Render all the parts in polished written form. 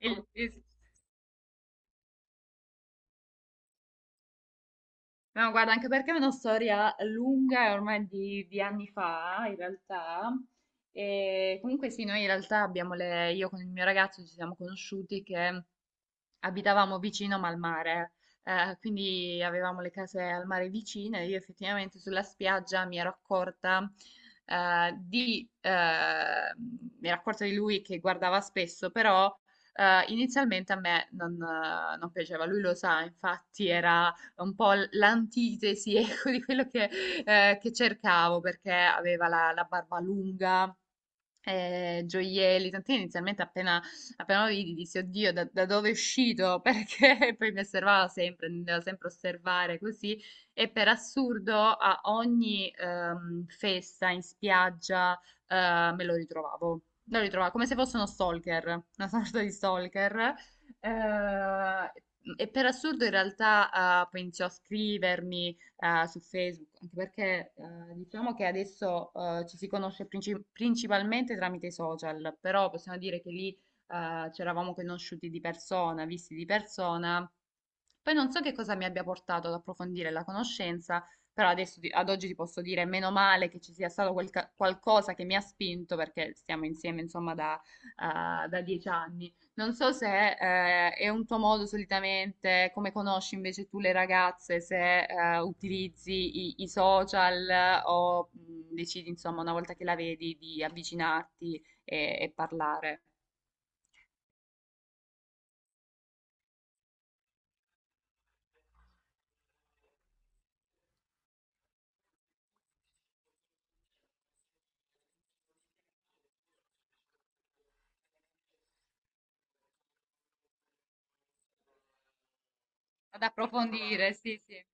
Il- il- No, guarda, anche perché è una storia lunga, è ormai di anni fa, in realtà. E comunque sì, noi in realtà abbiamo le... Io con il mio ragazzo ci siamo conosciuti che abitavamo vicino ma al mare, quindi avevamo le case al mare vicine. Io effettivamente sulla spiaggia mi ero accorta, mi ero accorta di lui che guardava spesso, però inizialmente a me non piaceva. Lui lo sa, infatti era un po' l'antitesi, ecco, di quello che che cercavo perché aveva la barba lunga, gioielli, tant'è che appena lo vidi dissi, oddio, da dove è uscito? Perché poi mi osservava sempre, mi doveva sempre osservare così e per assurdo a ogni festa in spiaggia me lo ritrovavo. Lo ritrovavo come se fosse uno stalker, una sorta di stalker. eh, e per assurdo in realtà poi iniziò a scrivermi, su Facebook, anche perché diciamo che adesso ci si conosce principalmente tramite i social, però possiamo dire che lì ci eravamo conosciuti di persona, visti di persona. Poi non so che cosa mi abbia portato ad approfondire la conoscenza, però ad oggi ti posso dire meno male che ci sia stato qualcosa che mi ha spinto, perché stiamo insieme insomma da, da dieci anni. Non so se è un tuo modo solitamente, come conosci invece tu le ragazze, se utilizzi i social o decidi insomma una volta che la vedi di avvicinarti e parlare. Ad approfondire, sì, sì,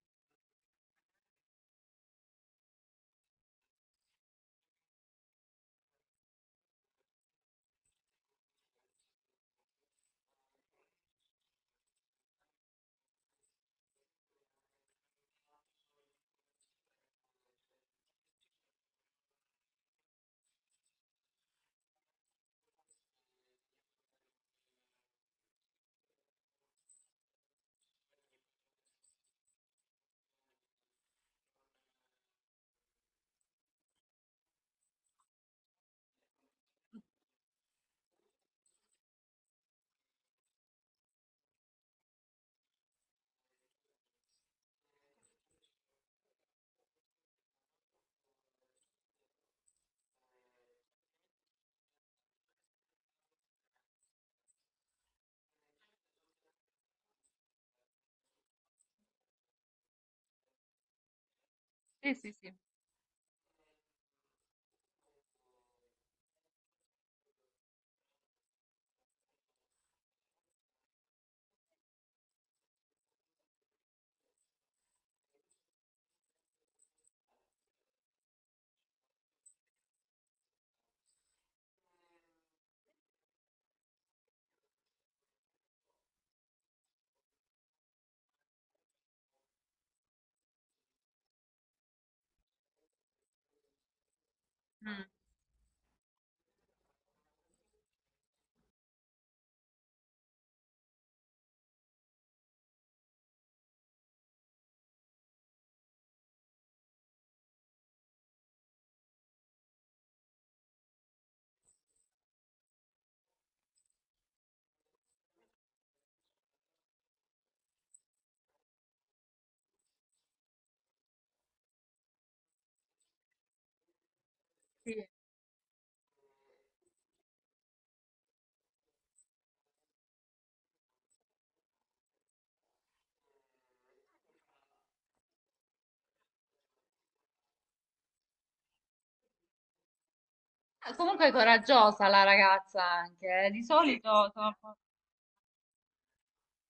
sì, sì, sì. Mm, sì. Ah, comunque è coraggiosa la ragazza anche, eh. Di solito sono...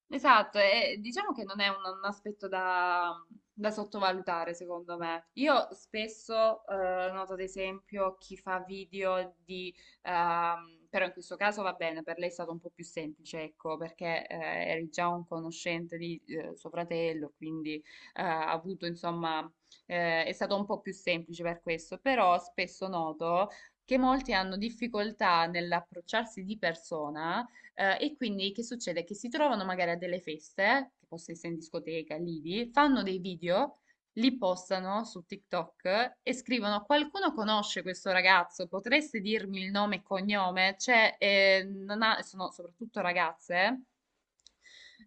Esatto, e diciamo che non è un aspetto da, da sottovalutare, secondo me. Io spesso noto, ad esempio, chi fa video di... Però in questo caso va bene, per lei è stato un po' più semplice, ecco, perché eri già un conoscente di suo fratello, quindi ha avuto, insomma, è stato un po' più semplice per questo, però spesso noto che molti hanno difficoltà nell'approcciarsi di persona e quindi che succede? Che si trovano magari a delle feste, che possa essere in discoteca, lidi, fanno dei video, li postano su TikTok e scrivono: qualcuno conosce questo ragazzo? Potreste dirmi il nome e cognome? Cioè, non ha- sono soprattutto ragazze eh,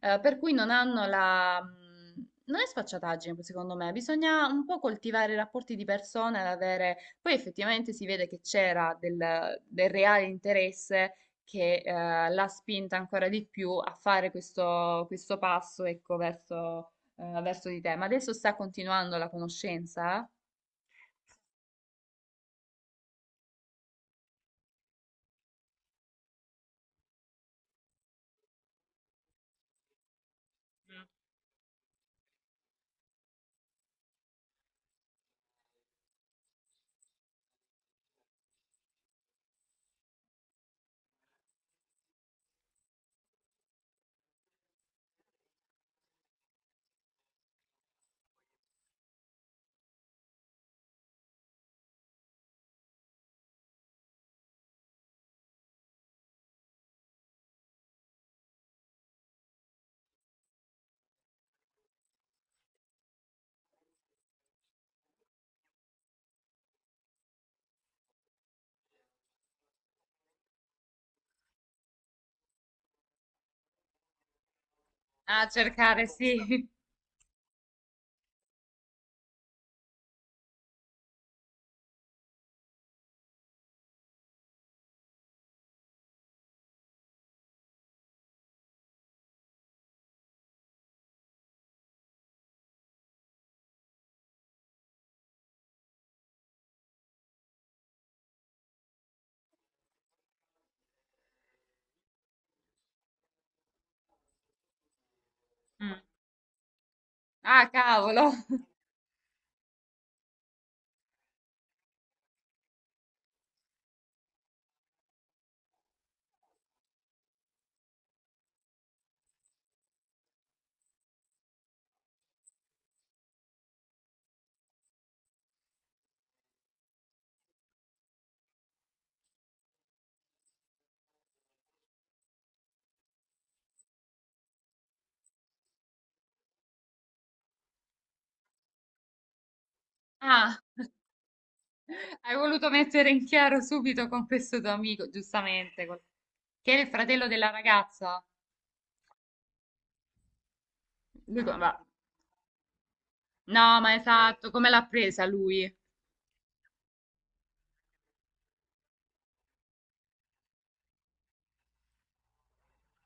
eh, per cui non hanno la... Non è sfacciataggine, secondo me, bisogna un po' coltivare i rapporti di persone, ad avere... Poi effettivamente si vede che c'era del, del reale interesse che l'ha spinta ancora di più a fare questo, questo passo, ecco, verso, verso di te. Ma adesso sta continuando la conoscenza? Mm. A sì, cercare, ancora. Sì. Mm. Mm. Ah, cavolo. Ah. Hai voluto mettere in chiaro subito con questo tuo amico, giustamente, che è il fratello della ragazza. Lui co- va- No, ma esatto, come l'ha presa lui?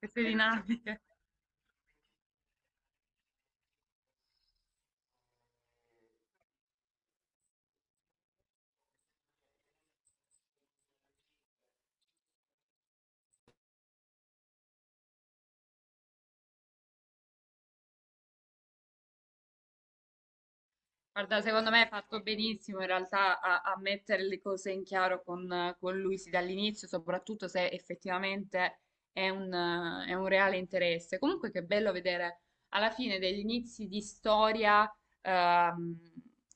Queste dinamiche. Guarda, secondo me hai fatto benissimo in realtà a, a mettere le cose in chiaro con lui sì, dall'inizio, soprattutto se effettivamente è un reale interesse. Comunque che bello vedere alla fine degli inizi di storia ehm,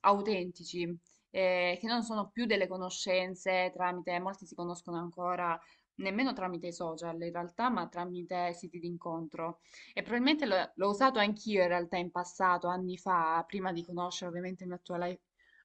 autentici, che non sono più delle conoscenze tramite, molti si conoscono ancora nemmeno tramite i social in realtà, ma tramite siti d'incontro. E probabilmente l'ho usato anch'io in realtà in passato, anni fa, prima di conoscere ovviamente il mio attuale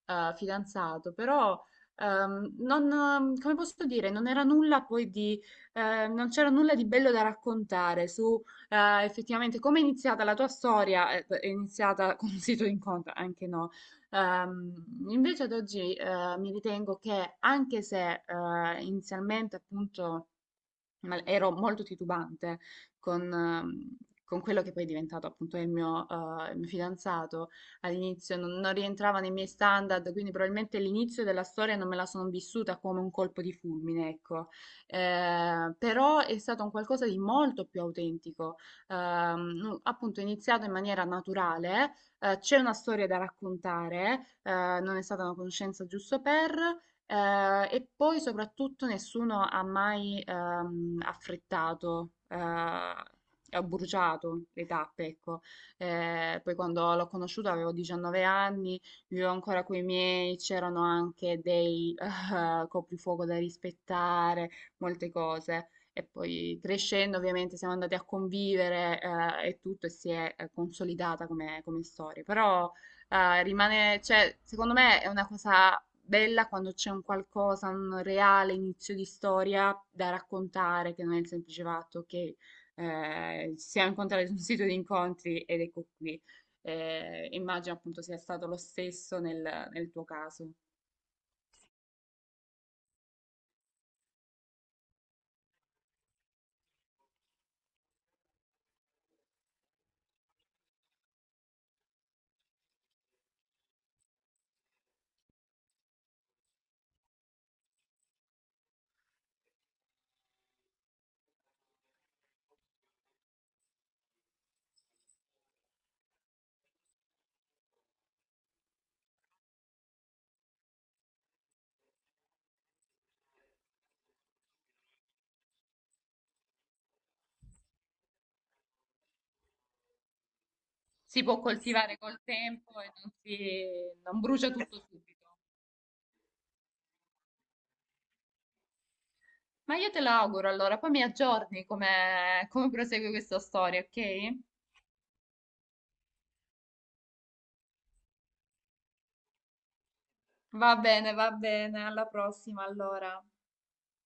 fidanzato, però non, come posso dire, non era nulla poi di, non c'era nulla di bello da raccontare su effettivamente come è iniziata la tua storia, è iniziata con un sito di incontro, anche no. Invece ad oggi mi ritengo che anche se inizialmente appunto ma ero molto titubante con, ehm, con quello che poi è diventato appunto il mio fidanzato. All'inizio non rientrava nei miei standard, quindi probabilmente l'inizio della storia non me la sono vissuta come un colpo di fulmine, ecco. Però è stato un qualcosa di molto più autentico. Appunto, è iniziato in maniera naturale, c'è una storia da raccontare, non è stata una conoscenza giusto per, e poi soprattutto nessuno ha mai affrettato, ho bruciato le tappe, ecco. Poi quando l'ho conosciuto avevo 19 anni, vivevo ancora coi miei, c'erano anche dei coprifuoco da rispettare, molte cose. E poi crescendo ovviamente siamo andati a convivere e tutto e si è consolidata come, come storia. Però ah, rimane, cioè, secondo me è una cosa bella quando c'è un qualcosa, un reale inizio di storia da raccontare, che non è il semplice fatto che ci siamo incontrati su un sito di incontri ed ecco qui. Immagino appunto sia stato lo stesso nel, nel tuo caso. Si può coltivare col tempo e non, si, non brucia tutto subito. Ma io te lo auguro allora, poi mi aggiorni come, come prosegue questa storia, ok? Va bene, alla prossima allora.